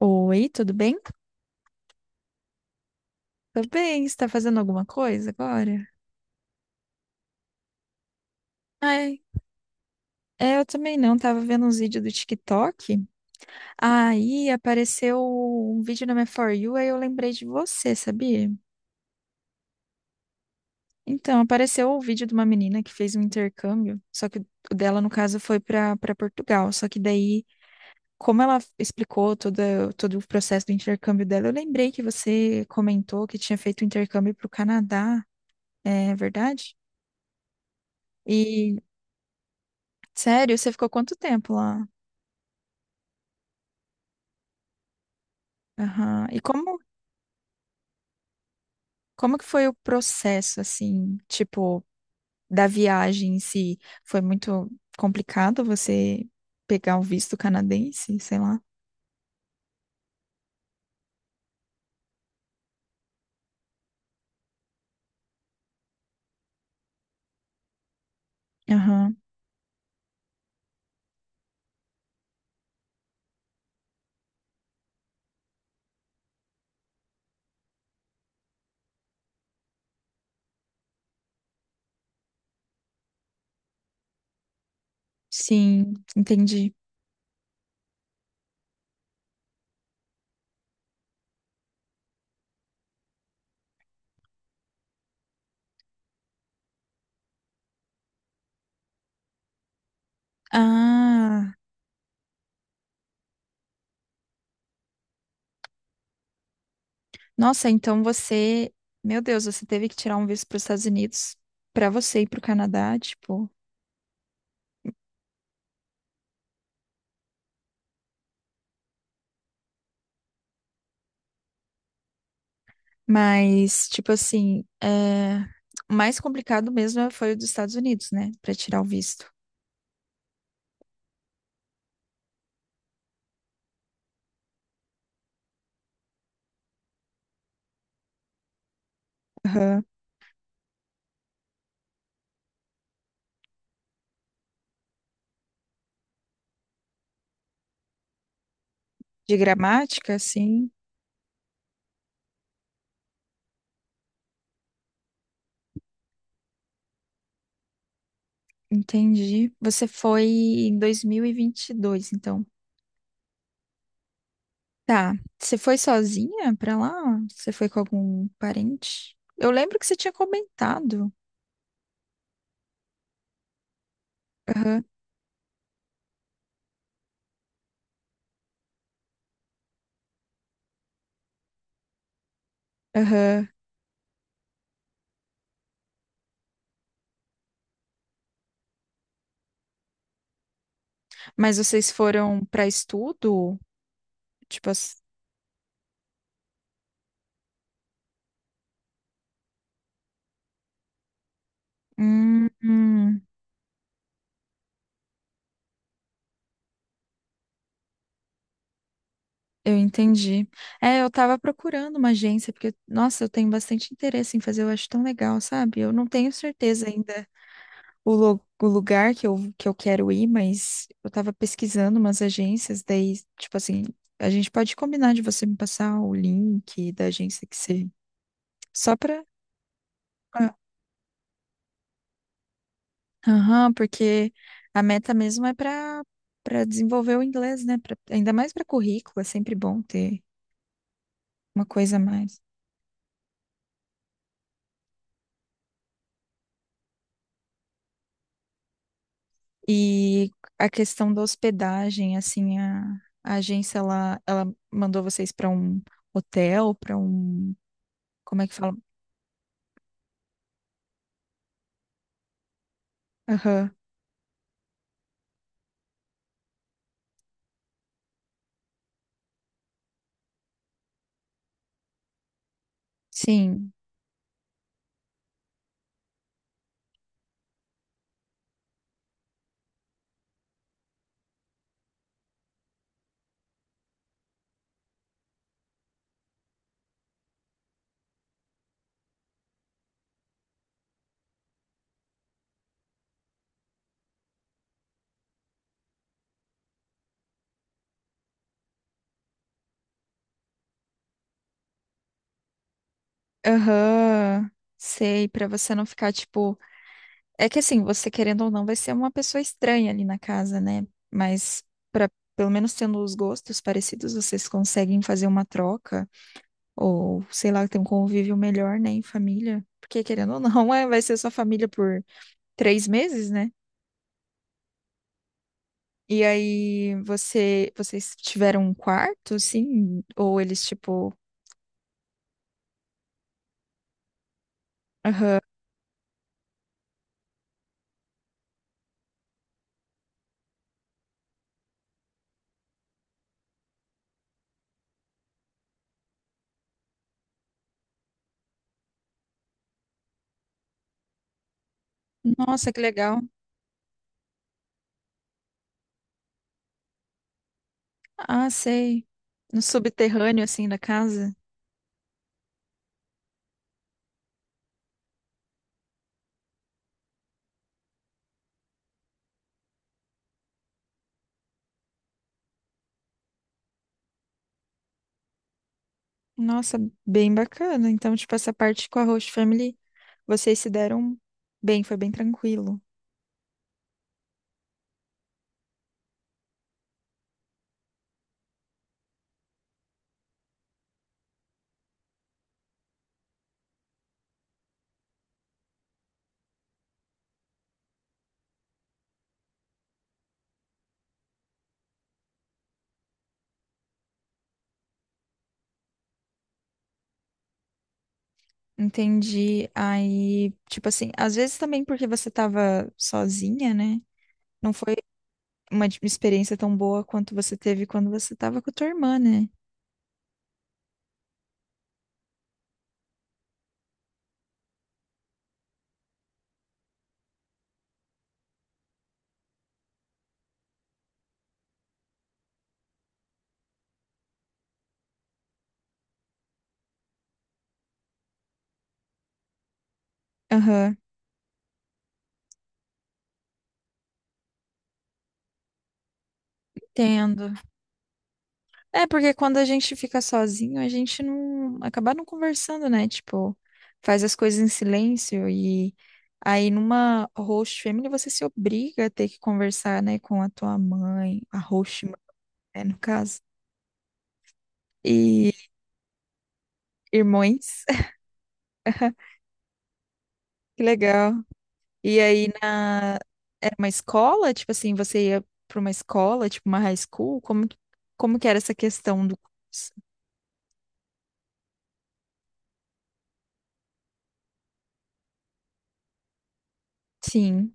Oi, tudo bem? Tudo bem, você tá fazendo alguma coisa agora? Ai, é, eu também não, tava vendo uns vídeos do TikTok, aí apareceu um vídeo na minha For You, aí eu lembrei de você, sabia? Então, apareceu o vídeo de uma menina que fez um intercâmbio, só que o dela, no caso, foi para Portugal, só que daí, como ela explicou todo o processo do intercâmbio dela, eu lembrei que você comentou que tinha feito um intercâmbio para o Canadá, é verdade? E sério? Você ficou quanto tempo lá? Aham. E como que foi o processo, assim, tipo, da viagem em si? Foi muito complicado você pegar o visto canadense, sei lá? Aham. Sim, entendi. Ah, nossa, então você, meu Deus, você teve que tirar um visto para os Estados Unidos para você ir para o Canadá, tipo. Mas, tipo assim, é... o mais complicado mesmo foi o dos Estados Unidos, né? Para tirar o visto. De gramática, sim, entendi. Você foi em dois mil e vinte e dois, então. Tá. Você foi sozinha pra lá? Você foi com algum parente? Eu lembro que você tinha comentado. Aham, aham. Mas vocês foram pra estudo? Tipo assim. Hum, hum, eu entendi. É, eu tava procurando uma agência, porque, nossa, eu tenho bastante interesse em fazer, eu acho tão legal, sabe? Eu não tenho certeza ainda o, lu- o lugar que eu quero ir, mas eu tava pesquisando umas agências, daí, tipo assim, a gente pode combinar de você me passar o link da agência que você. Só pra. Ah, aham, porque a meta mesmo é pra, pra desenvolver o inglês, né? Pra- ainda mais pra currículo, é sempre bom ter uma coisa a mais. E a questão da hospedagem, a agência, ela mandou vocês para um hotel, para um. Como é que fala? Aham. Sim. Aham, sei, pra você não ficar tipo. É que assim, você querendo ou não, vai ser uma pessoa estranha ali na casa, né? Mas para pelo menos tendo os gostos parecidos, vocês conseguem fazer uma troca ou sei lá, ter um convívio melhor, né, em família. Porque querendo ou não, é, vai ser sua família por 3 meses, né? E aí você, vocês tiveram um quarto, sim? Ou eles tipo, aham, nossa, que legal. Ah, sei. No subterrâneo assim da casa. Nossa, bem bacana. Então, tipo, essa parte com a Host Family, vocês se deram bem, foi bem tranquilo. Entendi. Aí, tipo assim, às vezes também porque você tava sozinha, né? Não foi uma di- experiência tão boa quanto você teve quando você tava com a tua irmã, né? Aham, entendo. É, porque quando a gente fica sozinho, a gente não acaba não conversando, né? Tipo, faz as coisas em silêncio e aí numa host family você se obriga a ter que conversar, né, com a tua mãe, a host, mãe, né, no caso, e irmãos. Que legal. E aí na era uma escola, tipo assim, você ia para uma escola, tipo uma high school, como que era essa questão do curso? Sim.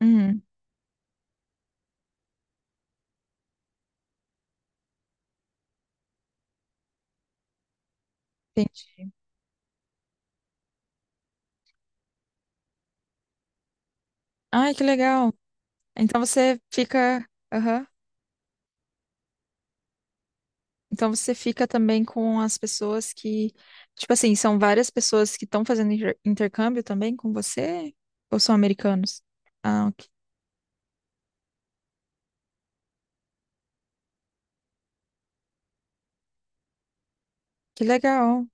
Uhum, entendi. Ai, que legal. Então você aham. Então você fica também com as pessoas que, tipo assim, são várias pessoas que estão fazendo inter- intercâmbio também com você? Ou são americanos? Ah, ok. Que legal.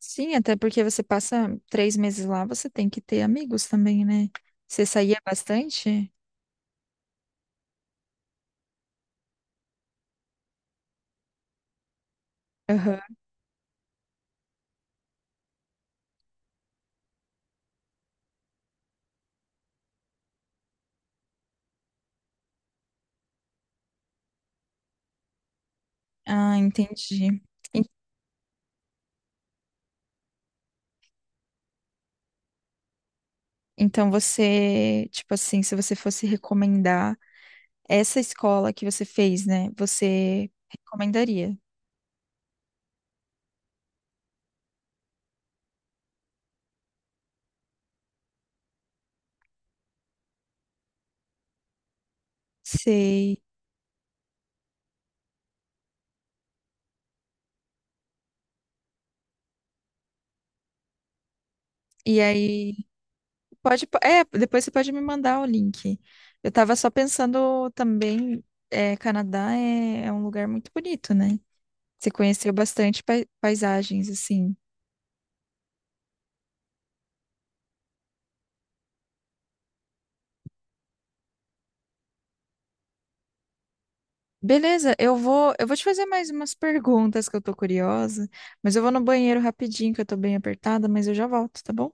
Sim, até porque você passa 3 meses lá, você tem que ter amigos também, né? Você saía bastante? Aham. Ah, entendi. En- então você, tipo assim, se você fosse recomendar essa escola que você fez, né? Você recomendaria? Sei. E aí, pode, é, depois você pode me mandar o link. Eu tava só pensando também, é, Canadá é, é um lugar muito bonito, né? Você conheceu bastante pai- paisagens, assim. Beleza, eu vou te fazer mais umas perguntas que eu tô curiosa, mas eu vou no banheiro rapidinho, que eu tô bem apertada, mas eu já volto, tá bom?